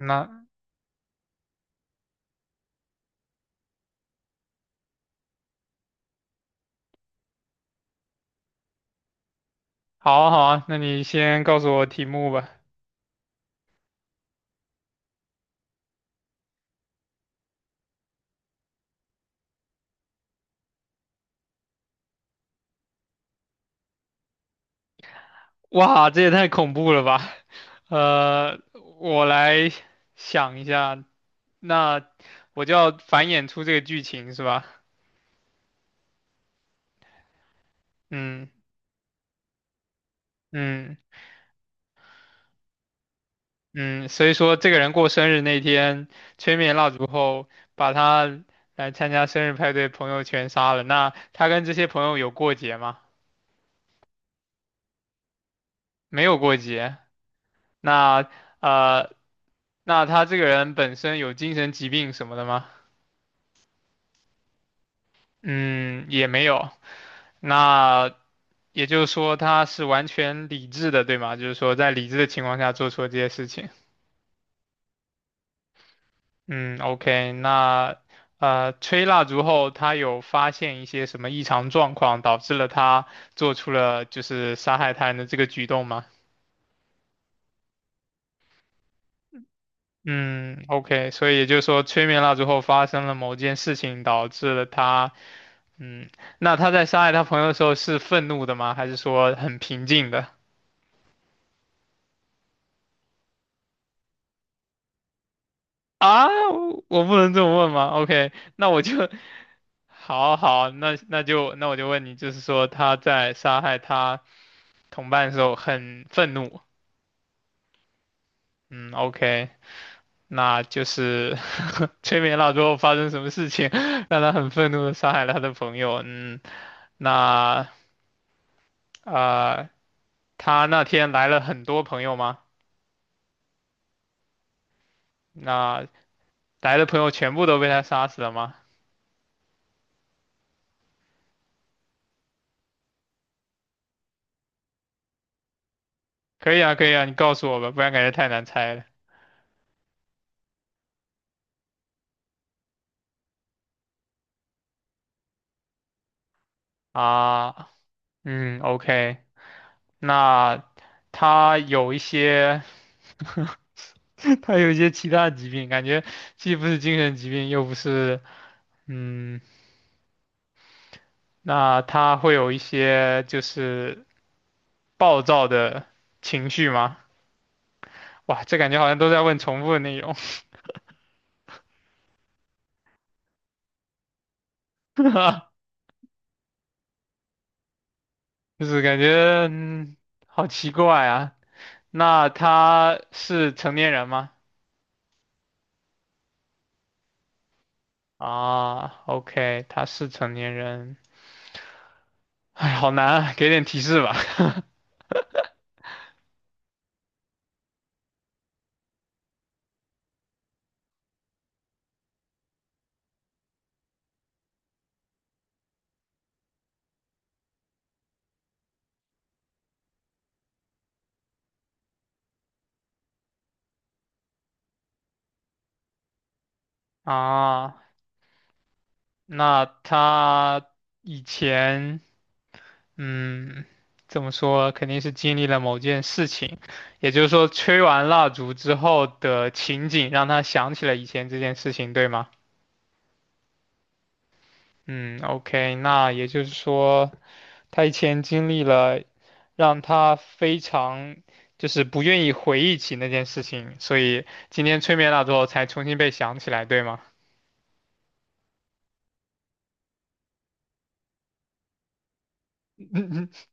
那好啊好啊，那你先告诉我题目吧。哇，这也太恐怖了吧！呃，我来想一下，那我就要繁衍出这个剧情是吧？嗯嗯嗯，所以说这个人过生日那天吹灭蜡烛后，把他来参加生日派对朋友全杀了。那他跟这些朋友有过节吗？没有过节。那呃，那他这个人本身有精神疾病什么的吗？嗯，也没有。那也就是说，他是完全理智的，对吗？就是说，在理智的情况下做出了这些事情。嗯，OK，吹蜡烛后，他有发现一些什么异常状况，导致了他做出了就是杀害他人的这个举动吗？嗯，OK，所以也就是说，吹灭蜡烛后发生了某件事情，导致了他，嗯，那他在杀害他朋友的时候是愤怒的吗？还是说很平静的？啊，我不能这么问吗？OK，那我就 好好，那我就问你，就是说他在杀害他同伴的时候很愤怒，嗯，OK，那就是 催眠了之后发生什么事情 让他很愤怒的杀害了他的朋友，嗯，那呃，他那天来了很多朋友吗？那来的朋友全部都被他杀死了吗？可以啊，可以啊，你告诉我吧，不然感觉太难猜了啊，嗯，OK。那他有一些，他有一些其他疾病，感觉既不是精神疾病，又不是，嗯，那他会有一些就是暴躁的情绪吗？哇，这感觉好像都在问重复的内容，就是感觉，嗯好奇怪啊。那他是成年人吗？啊，OK，他是成年人。哎，好难啊，给点提示吧。啊。那他以前，嗯，怎么说，肯定是经历了某件事情，也就是说，吹完蜡烛之后的情景让他想起了以前这件事情，对吗？嗯，OK，那也就是说，他以前经历了让他非常就是不愿意回忆起那件事情，所以今天吹灭蜡烛后才重新被想起来，对吗？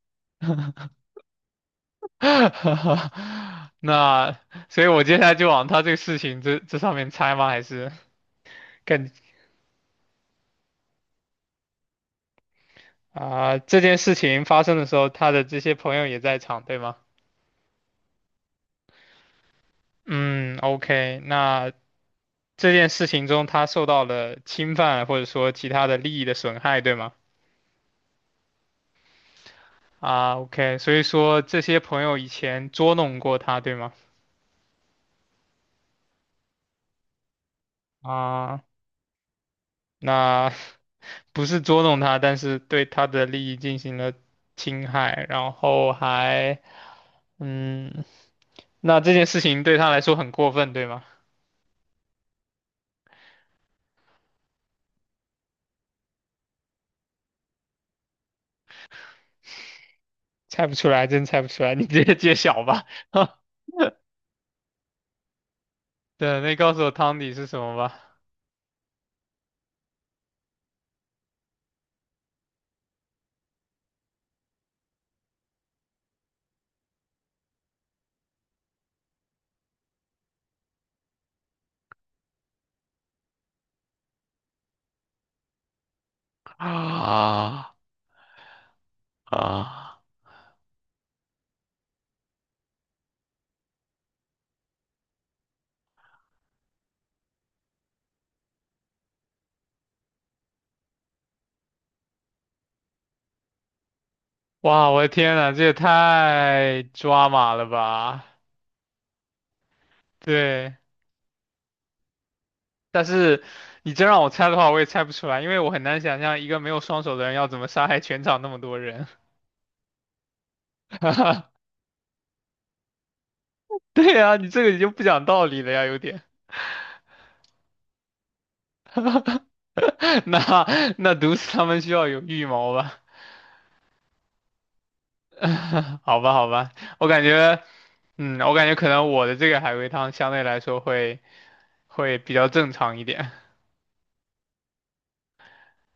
那所以，我接下来就往他这个事情这上面猜吗？还是更啊、这件事情发生的时候，他的这些朋友也在场，对吗？嗯，OK，那这件事情中他受到了侵犯，或者说其他的利益的损害，对吗？啊，OK，所以说这些朋友以前捉弄过他，对吗？啊。那 不是捉弄他，但是对他的利益进行了侵害，然后还，嗯，那这件事情对他来说很过分，对吗？猜不出来，真猜不出来，你直接揭晓吧。对，那你告诉我汤底是什么吧。啊啊！哇，我的天呐，这也太抓马了吧！对。但是你真让我猜的话，我也猜不出来，因为我很难想象一个没有双手的人要怎么杀害全场那么多人。对呀，你这个你就不讲道理了呀，有点。那那毒死他们需要有预谋吧？好吧，好吧，我感觉，嗯，我感觉可能我的这个海龟汤相对来说会比较正常一点。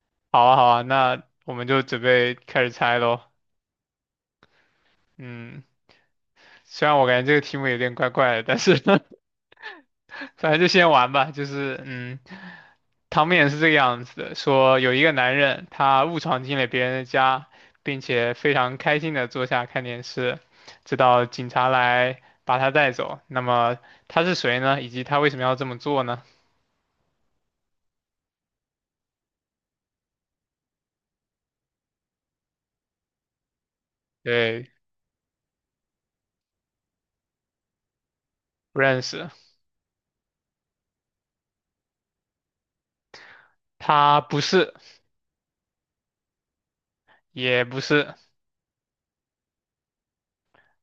好啊，好啊，那我们就准备开始猜喽。嗯，虽然我感觉这个题目有点怪怪的，但是 反正就先玩吧，就是嗯，汤面是这个样子的，说有一个男人，他误闯进了别人的家，并且非常开心的坐下看电视，直到警察来把他带走。那么他是谁呢？以及他为什么要这么做呢？对，不认识，他不是，也不是，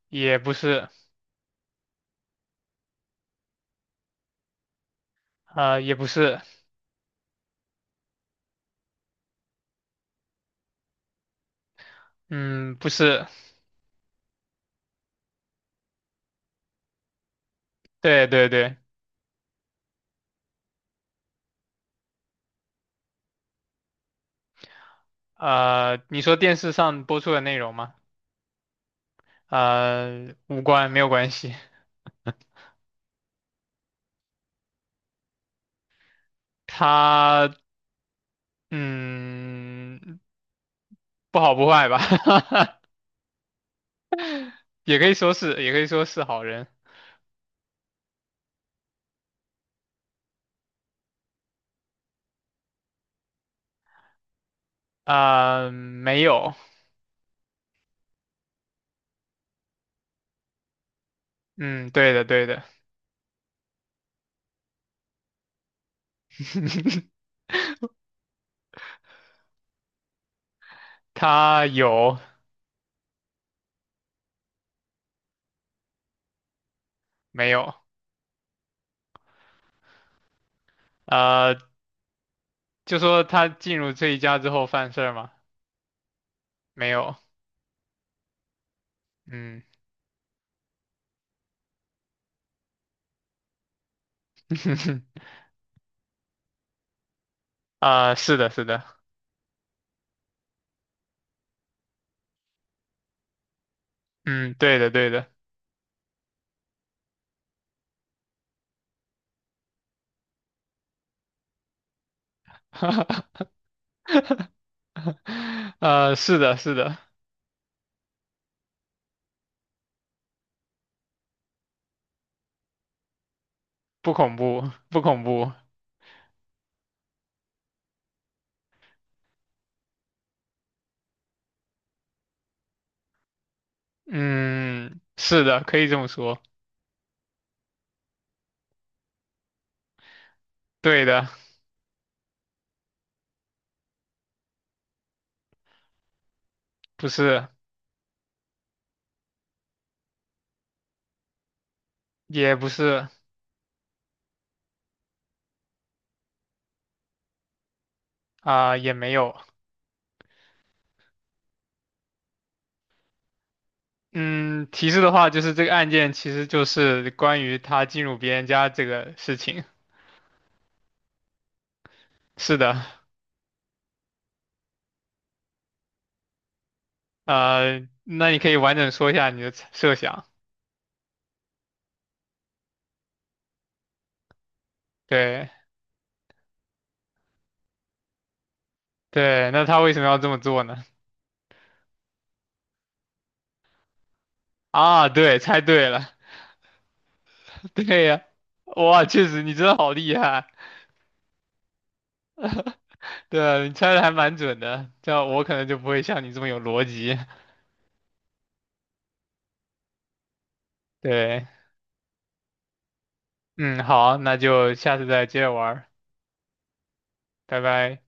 也不是，呃，也不是，嗯，不是，对，呃，你说电视上播出的内容吗？呃，无关，没有关系。他嗯不好不坏吧，也可以说是也可以说是好人啊、没有，嗯，对的对的，他有没有？呃，就说他进入这一家之后犯事儿吗？没有，嗯，啊、是的是的，嗯，对的对的，呃，是的是的，不恐怖不恐怖，嗯，是的，可以这么说，对的，不是。也不是啊、也没有。嗯，提示的话就是这个案件其实就是关于他进入别人家这个事情。是的，呃，那你可以完整说一下你的猜设想。对对，那他为什么要这么做呢？啊，对，猜对了，对呀、哇，确实你真的好厉害，对啊，你猜的还蛮准的，这样我可能就不会像你这么有逻辑。对，嗯，好，那就下次再接着玩儿拜拜。